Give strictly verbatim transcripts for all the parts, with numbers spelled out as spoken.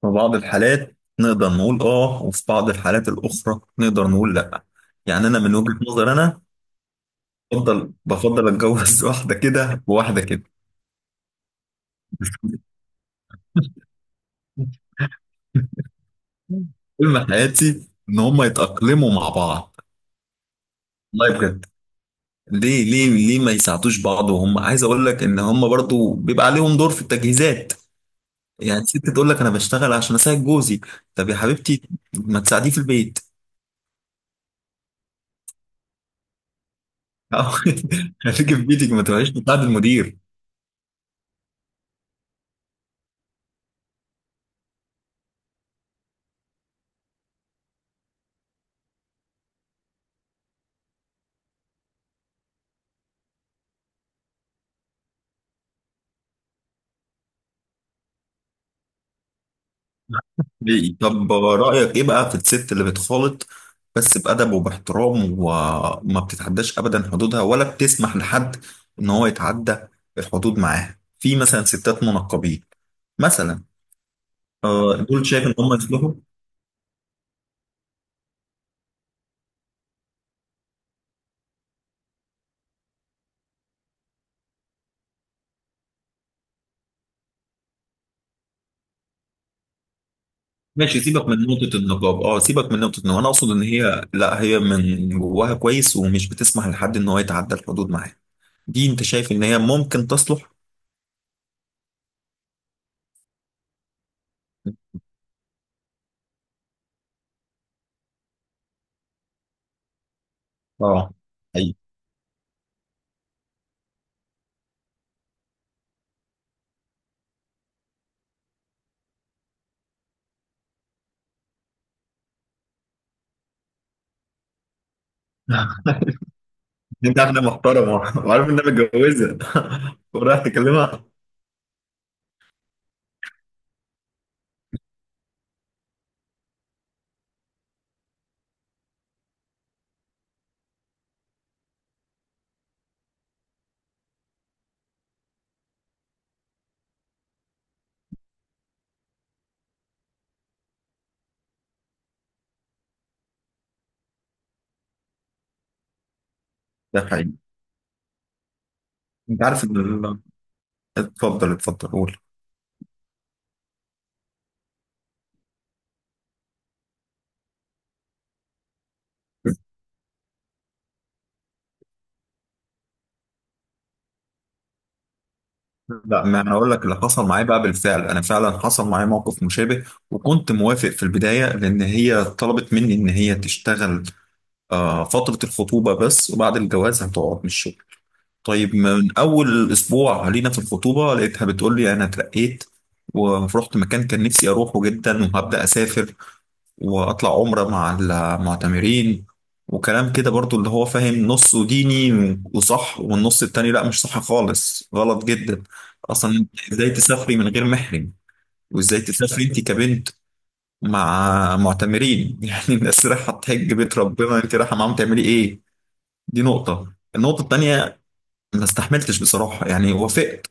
في بعض الحالات نقدر نقول اه وفي بعض الحالات الاخرى نقدر نقول لا. يعني انا من وجهة نظر انا بفضل بفضل اتجوز واحده كده وواحده كده حلم حياتي ان هم يتاقلموا مع بعض، والله بجد. ليه ليه ليه ما يساعدوش بعض، وهم عايز اقول لك ان هم برضو بيبقى عليهم دور في التجهيزات. يعني ست تقول لك انا بشتغل عشان اساعد جوزي. طب يا حبيبتي، ما تساعديه في البيت. خليكي في بيتك، ما تروحيش تساعد المدير. حقيقي. طب رأيك إيه بقى في الست اللي بتخالط بس بأدب وباحترام، وما بتتعداش أبدا حدودها، ولا بتسمح لحد إن هو يتعدى الحدود معاها، في مثلا ستات منقبين مثلا. آه، دول شايف إن هم يصلحوا. ماشي، سيبك من نقطة النقاب. اه سيبك من نقطة النقاب، أنا أقصد إن هي لا، هي من جواها كويس ومش بتسمح لحد إن هو يتعدى الحدود معاها. دي أنت شايف إن هي ممكن تصلح؟ اه، أيوة. انت عارف انها محترمه وعارف انها متجوزه ورايح تكلمها. ده حقيقي. انت عارف ان ال- اتفضل اتفضل قول. لا، ما انا اقول لك اللي حصل معايا بقى، بالفعل انا فعلا حصل معايا موقف مشابه. وكنت موافق في البدايه لان هي طلبت مني ان هي تشتغل آه، فتره الخطوبه بس، وبعد الجواز هتقعد من الشغل. طيب، من اول اسبوع لينا في الخطوبه لقيتها بتقول لي انا اترقيت ورحت مكان كان نفسي اروحه جدا، وهبدا اسافر واطلع عمرة مع المعتمرين، وكلام كده برضو اللي هو فاهم نصه ديني وصح، والنص التاني لا، مش صح خالص، غلط جدا. اصلا إنت ازاي تسافري من غير محرم؟ وازاي تسافري انت كبنت مع معتمرين؟ يعني الناس رايحة تحج بيت ربنا، انت رايحة معاهم تعملي ايه؟ دي نقطة. النقطة التانية، ما استحملتش بصراحة. يعني وافقت،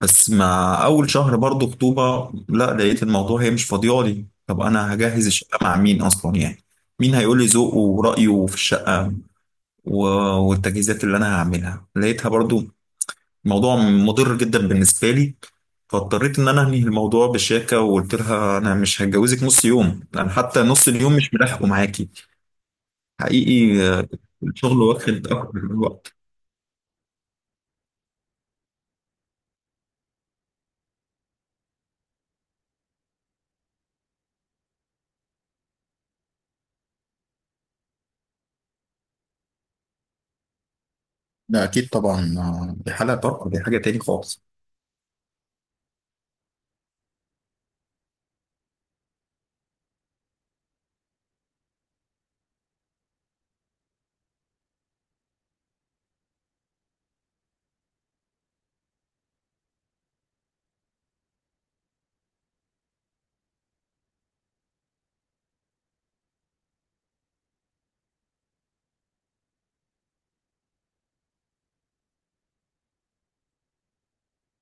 بس مع اول شهر برضو خطوبه لا، لقيت الموضوع هي مش فاضيالي. طب انا هجهز الشقه مع مين اصلا يعني؟ مين هيقول لي ذوقه ورايه في الشقه و- والتجهيزات اللي انا هعملها؟ لقيتها برضو موضوع مضر جدا بالنسبه لي. فاضطريت ان انا انهي الموضوع بشياكه، وقلت لها انا مش هتجوزك. نص يوم انا حتى، نص اليوم مش ملاحقه معاكي. حقيقي. آه، الشغل واخد اكتر من الوقت. لا أكيد طبعا، آه، دي حالة برضه، دي حاجة تاني خالص.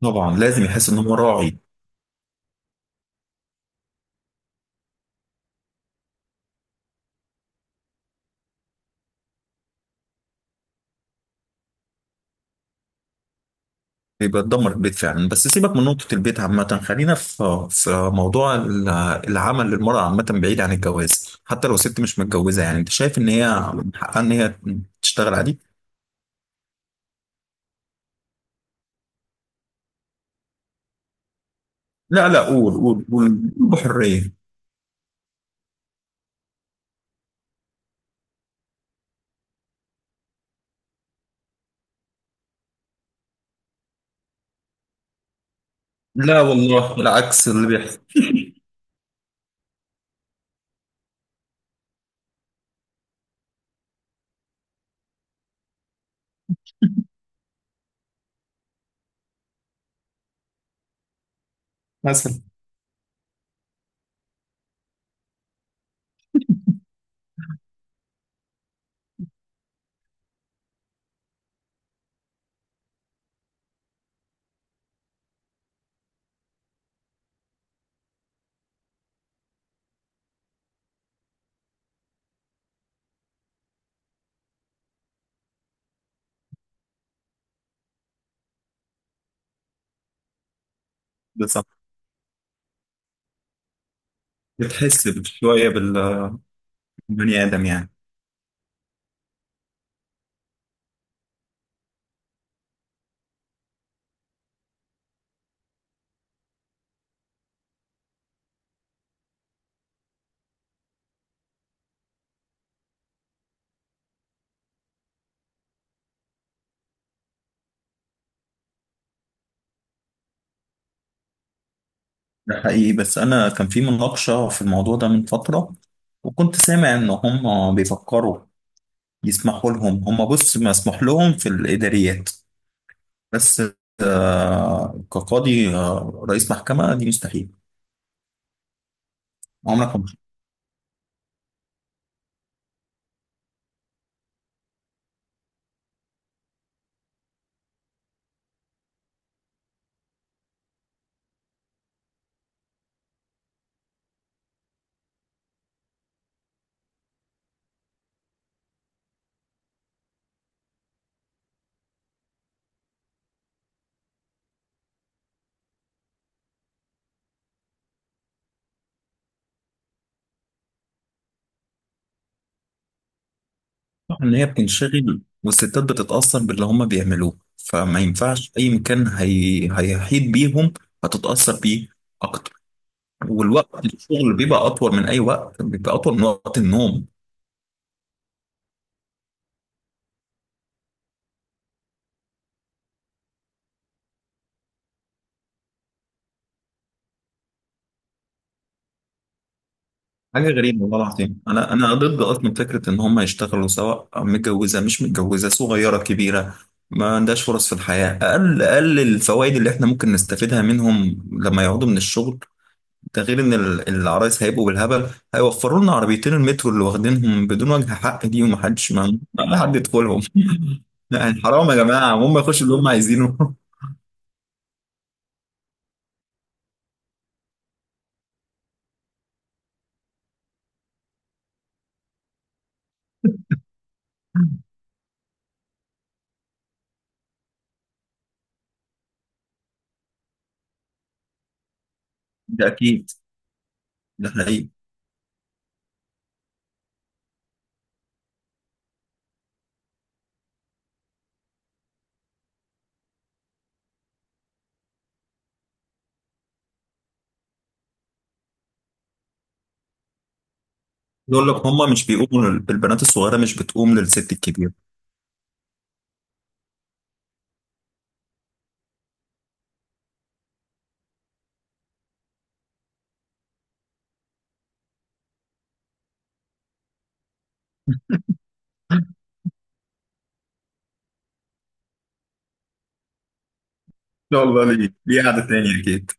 طبعا لازم يحس ان هو راعي. بيبقى تدمر البيت فعلا. بس سيبك من نقطة البيت عامة، خلينا في في موضوع ال- العمل للمرأة عامة بعيد عن الجواز. حتى لو ست مش متجوزة، يعني انت شايف ان هي من حقها ان هي تشتغل عادي؟ لا لا، قول قول قول بحرية. لا والله العكس اللي بيحصل، مثلا. ده صح، بتحس شوية بالبني آدم يعني. ده حقيقي، بس أنا كان في مناقشة في الموضوع ده من فترة، وكنت سامع إن هم بيفكروا يسمحوا لهم. هم بص، مسموح لهم في الإداريات، بس آه، كقاضي، آه، رئيس محكمة دي مستحيل. عمرك ما بشوفها إن هي بتنشغل، والستات بتتأثر باللي هما بيعملوه، فما ينفعش أي مكان هي هيحيط بيهم. هتتأثر بيه أكتر، والوقت الشغل بيبقى أطول من أي وقت، بيبقى أطول من وقت النوم. حاجة غريبة والله العظيم. أنا أنا ضد أصلا فكرة إن هم يشتغلوا، سواء متجوزة مش متجوزة، صغيرة كبيرة. ما عندهاش فرص في الحياة. أقل أقل الفوائد اللي إحنا ممكن نستفيدها منهم لما يقعدوا من الشغل. ده غير إن ال- العرايس هيبقوا بالهبل. هيوفروا لنا عربيتين المترو اللي واخدينهم بدون وجه حق دي، ومحدش ما ما حد يدخلهم. لا يعني حرام يا جماعة، هم يخشوا اللي هم عايزينه. ده أكيد، ده حقيقي. يقول لك هم مش بيقوموا لل- البنات الصغيرة مش بتقوم للست الكبيرة. شاء الله، ليه؟ ليه قعدة تانية أكيد.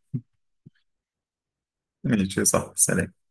ماشي، صح، سلام.